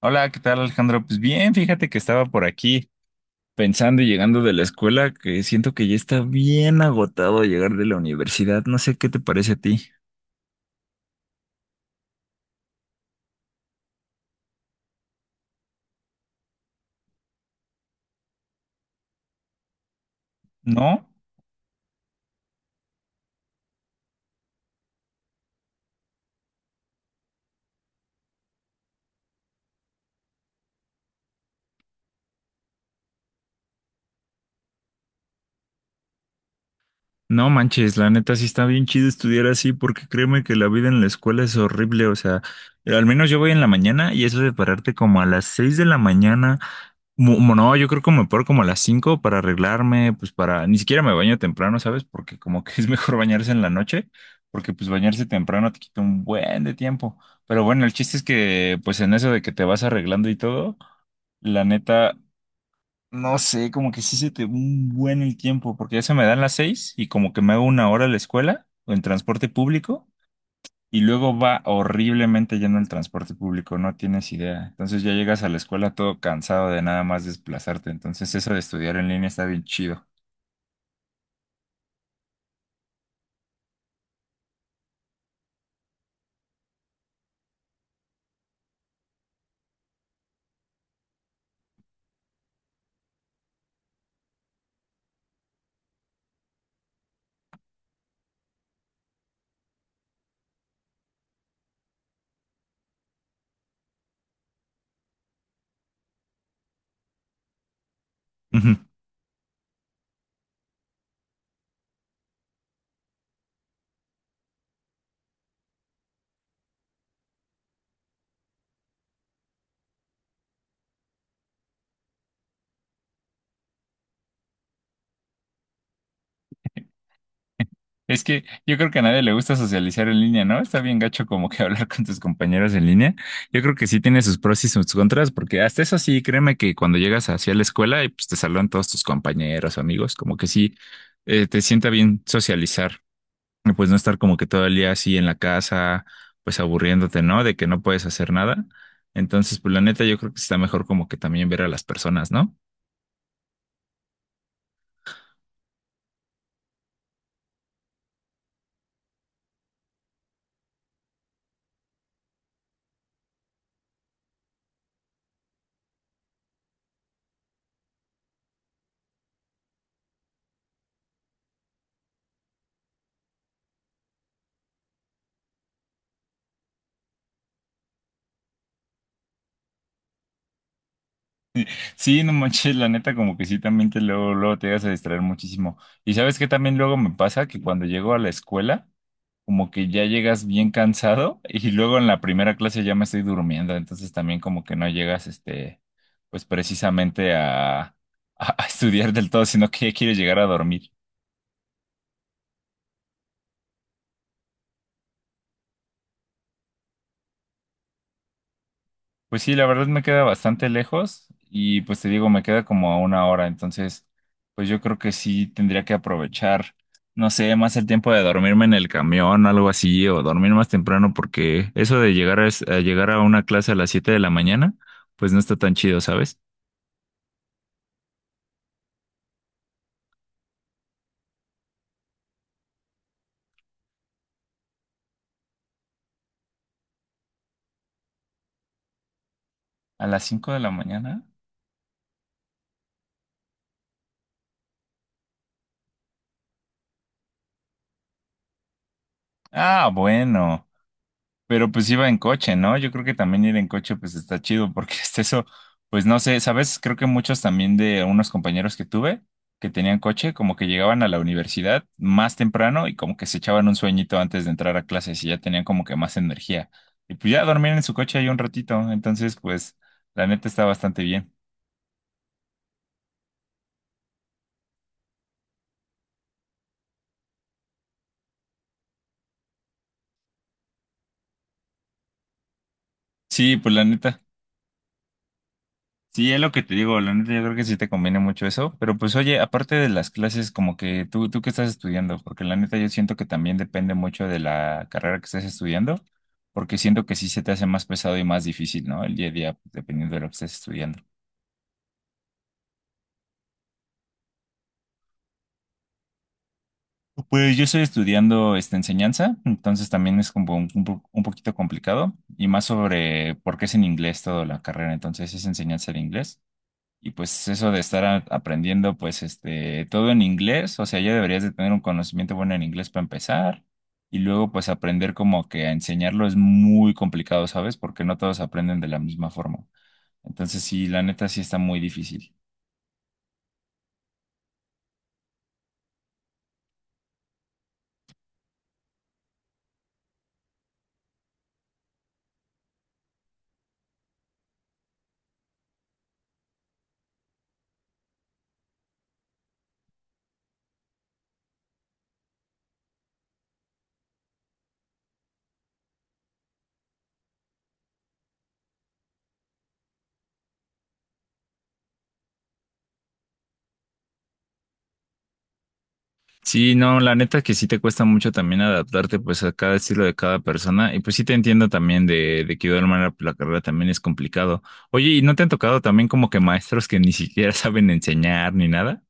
Hola, ¿qué tal Alejandro? Pues bien, fíjate que estaba por aquí pensando y llegando de la escuela que siento que ya está bien agotado llegar de la universidad. No sé qué te parece a ti. ¿No? No manches, la neta sí está bien chido estudiar así porque créeme que la vida en la escuela es horrible, o sea, al menos yo voy en la mañana y eso de pararte como a las 6 de la mañana. No, yo creo que me paro como a las 5 para arreglarme, pues ni siquiera me baño temprano, ¿sabes? Porque como que es mejor bañarse en la noche, porque pues bañarse temprano te quita un buen de tiempo. Pero bueno, el chiste es que pues en eso de que te vas arreglando y todo, la neta, no sé, como que sí se te va un buen el tiempo, porque ya se me dan las 6 y como que me hago una hora a la escuela o en transporte público. Y luego va horriblemente lleno el transporte público, no tienes idea. Entonces ya llegas a la escuela todo cansado de nada más desplazarte. Entonces eso de estudiar en línea está bien chido. Es que yo creo que a nadie le gusta socializar en línea, ¿no? Está bien gacho como que hablar con tus compañeros en línea. Yo creo que sí tiene sus pros y sus contras, porque hasta eso sí, créeme que cuando llegas hacia la escuela y pues te saludan todos tus compañeros, amigos, como que sí, te sienta bien socializar. Y pues no estar como que todo el día así en la casa, pues aburriéndote, ¿no? De que no puedes hacer nada. Entonces, pues la neta, yo creo que está mejor como que también ver a las personas, ¿no? Sí, no manches, la neta, como que sí, también te luego, luego te llegas a distraer muchísimo. Y sabes que también luego me pasa que cuando llego a la escuela, como que ya llegas bien cansado y luego en la primera clase ya me estoy durmiendo, entonces también como que no llegas, este, pues precisamente a estudiar del todo, sino que ya quieres llegar a dormir. Pues sí, la verdad me queda bastante lejos y pues te digo, me queda como a una hora, entonces pues yo creo que sí tendría que aprovechar, no sé, más el tiempo de dormirme en el camión o algo así, o dormir más temprano porque eso de a llegar a una clase a las 7 de la mañana, pues no está tan chido, ¿sabes? ¿A las 5 de la mañana? Ah, bueno. Pero pues iba en coche, ¿no? Yo creo que también ir en coche pues está chido porque este eso, pues no sé, ¿sabes? Creo que muchos también de unos compañeros que tuve que tenían coche, como que llegaban a la universidad más temprano y como que se echaban un sueñito antes de entrar a clases y ya tenían como que más energía. Y pues ya dormían en su coche ahí un ratito, entonces pues la neta está bastante bien. Sí, pues la neta. Sí, es lo que te digo, la neta yo creo que sí te conviene mucho eso, pero pues oye, aparte de las clases, como que tú qué estás estudiando, porque la neta yo siento que también depende mucho de la carrera que estés estudiando, porque siento que sí se te hace más pesado y más difícil, ¿no? El día a día, dependiendo de lo que estés estudiando. Pues yo estoy estudiando esta enseñanza, entonces también es como un, un poquito complicado, y más sobre por qué es en inglés toda la carrera, entonces es enseñanza de inglés. Y pues eso de estar aprendiendo pues este todo en inglés, o sea, ya deberías de tener un conocimiento bueno en inglés para empezar y luego pues aprender como que a enseñarlo es muy complicado, ¿sabes? Porque no todos aprenden de la misma forma. Entonces sí, la neta sí está muy difícil. Sí, no, la neta que sí te cuesta mucho también adaptarte pues a cada estilo de cada persona y pues sí te entiendo también de que de alguna manera la carrera también es complicado. Oye, ¿y no te han tocado también como que maestros que ni siquiera saben enseñar ni nada?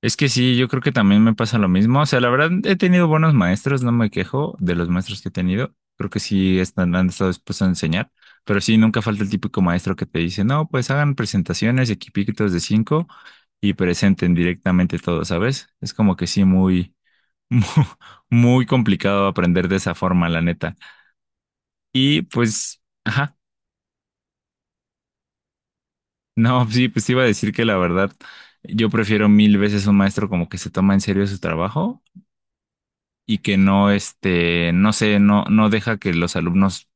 Es que sí, yo creo que también me pasa lo mismo. O sea, la verdad, he tenido buenos maestros, no me quejo de los maestros que he tenido. Creo que sí están, han estado dispuestos a enseñar, pero sí, nunca falta el típico maestro que te dice, no, pues hagan presentaciones, equipitos de cinco y presenten directamente todo, ¿sabes? Es como que sí, muy, muy, muy complicado aprender de esa forma, la neta. Y pues, ajá, no, sí, pues te iba a decir que la verdad, yo prefiero mil veces un maestro como que se toma en serio su trabajo y que no, este, no sé, no, no deja que los alumnos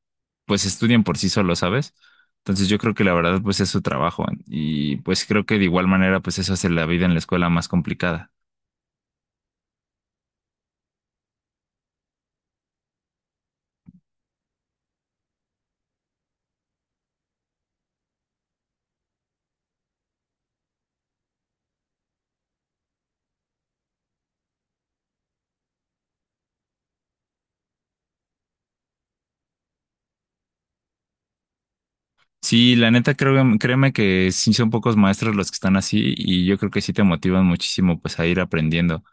pues estudien por sí solos, ¿sabes? Entonces yo creo que la verdad pues es su trabajo y pues creo que de igual manera pues eso hace la vida en la escuela más complicada. Sí, la neta creo, créeme que sí son pocos maestros los que están así y yo creo que sí te motivan muchísimo pues a ir aprendiendo.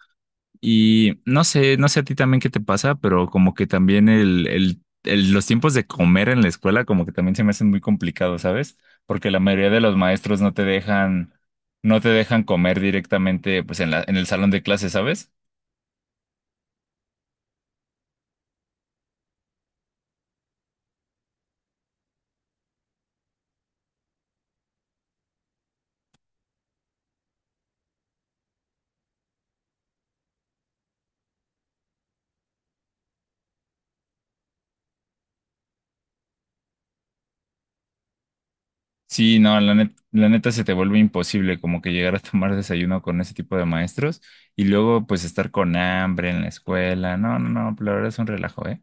Y no sé, no sé a ti también qué te pasa, pero como que también los tiempos de comer en la escuela como que también se me hacen muy complicados, ¿sabes? Porque la mayoría de los maestros no te dejan, comer directamente pues en el salón de clase, ¿sabes? Sí, no, la neta se te vuelve imposible como que llegar a tomar desayuno con ese tipo de maestros y luego pues estar con hambre en la escuela. No, no, no, la verdad es un relajo, ¿eh?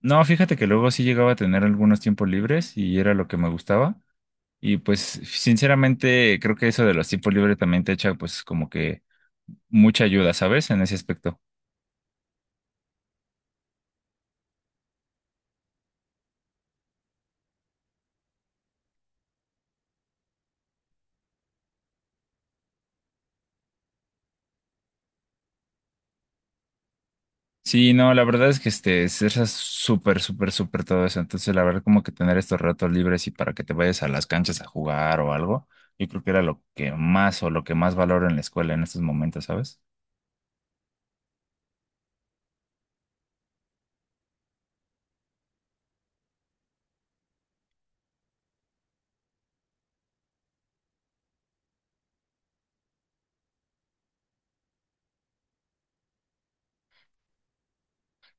No, fíjate que luego sí llegaba a tener algunos tiempos libres y era lo que me gustaba. Y pues sinceramente creo que eso de los tiempos libres también te echa pues como que mucha ayuda, ¿sabes? En ese aspecto. Sí, no, la verdad es que este, es súper, súper, súper todo eso. Entonces, la verdad, como que tener estos ratos libres y para que te vayas a las canchas a jugar o algo, yo creo que era lo que más o lo que más valoro en la escuela en estos momentos, ¿sabes?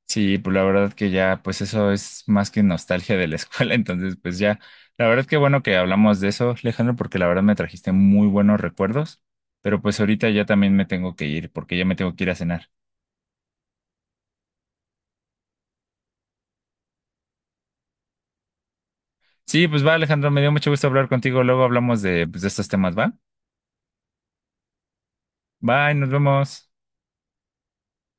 Sí, pues la verdad que ya, pues eso es más que nostalgia de la escuela, entonces pues ya, la verdad que bueno que hablamos de eso, Alejandro, porque la verdad me trajiste muy buenos recuerdos, pero pues ahorita ya también me tengo que ir, porque ya me tengo que ir a cenar. Sí, pues va, Alejandro, me dio mucho gusto hablar contigo, luego hablamos de, pues, de estos temas, ¿va? Bye, nos vemos.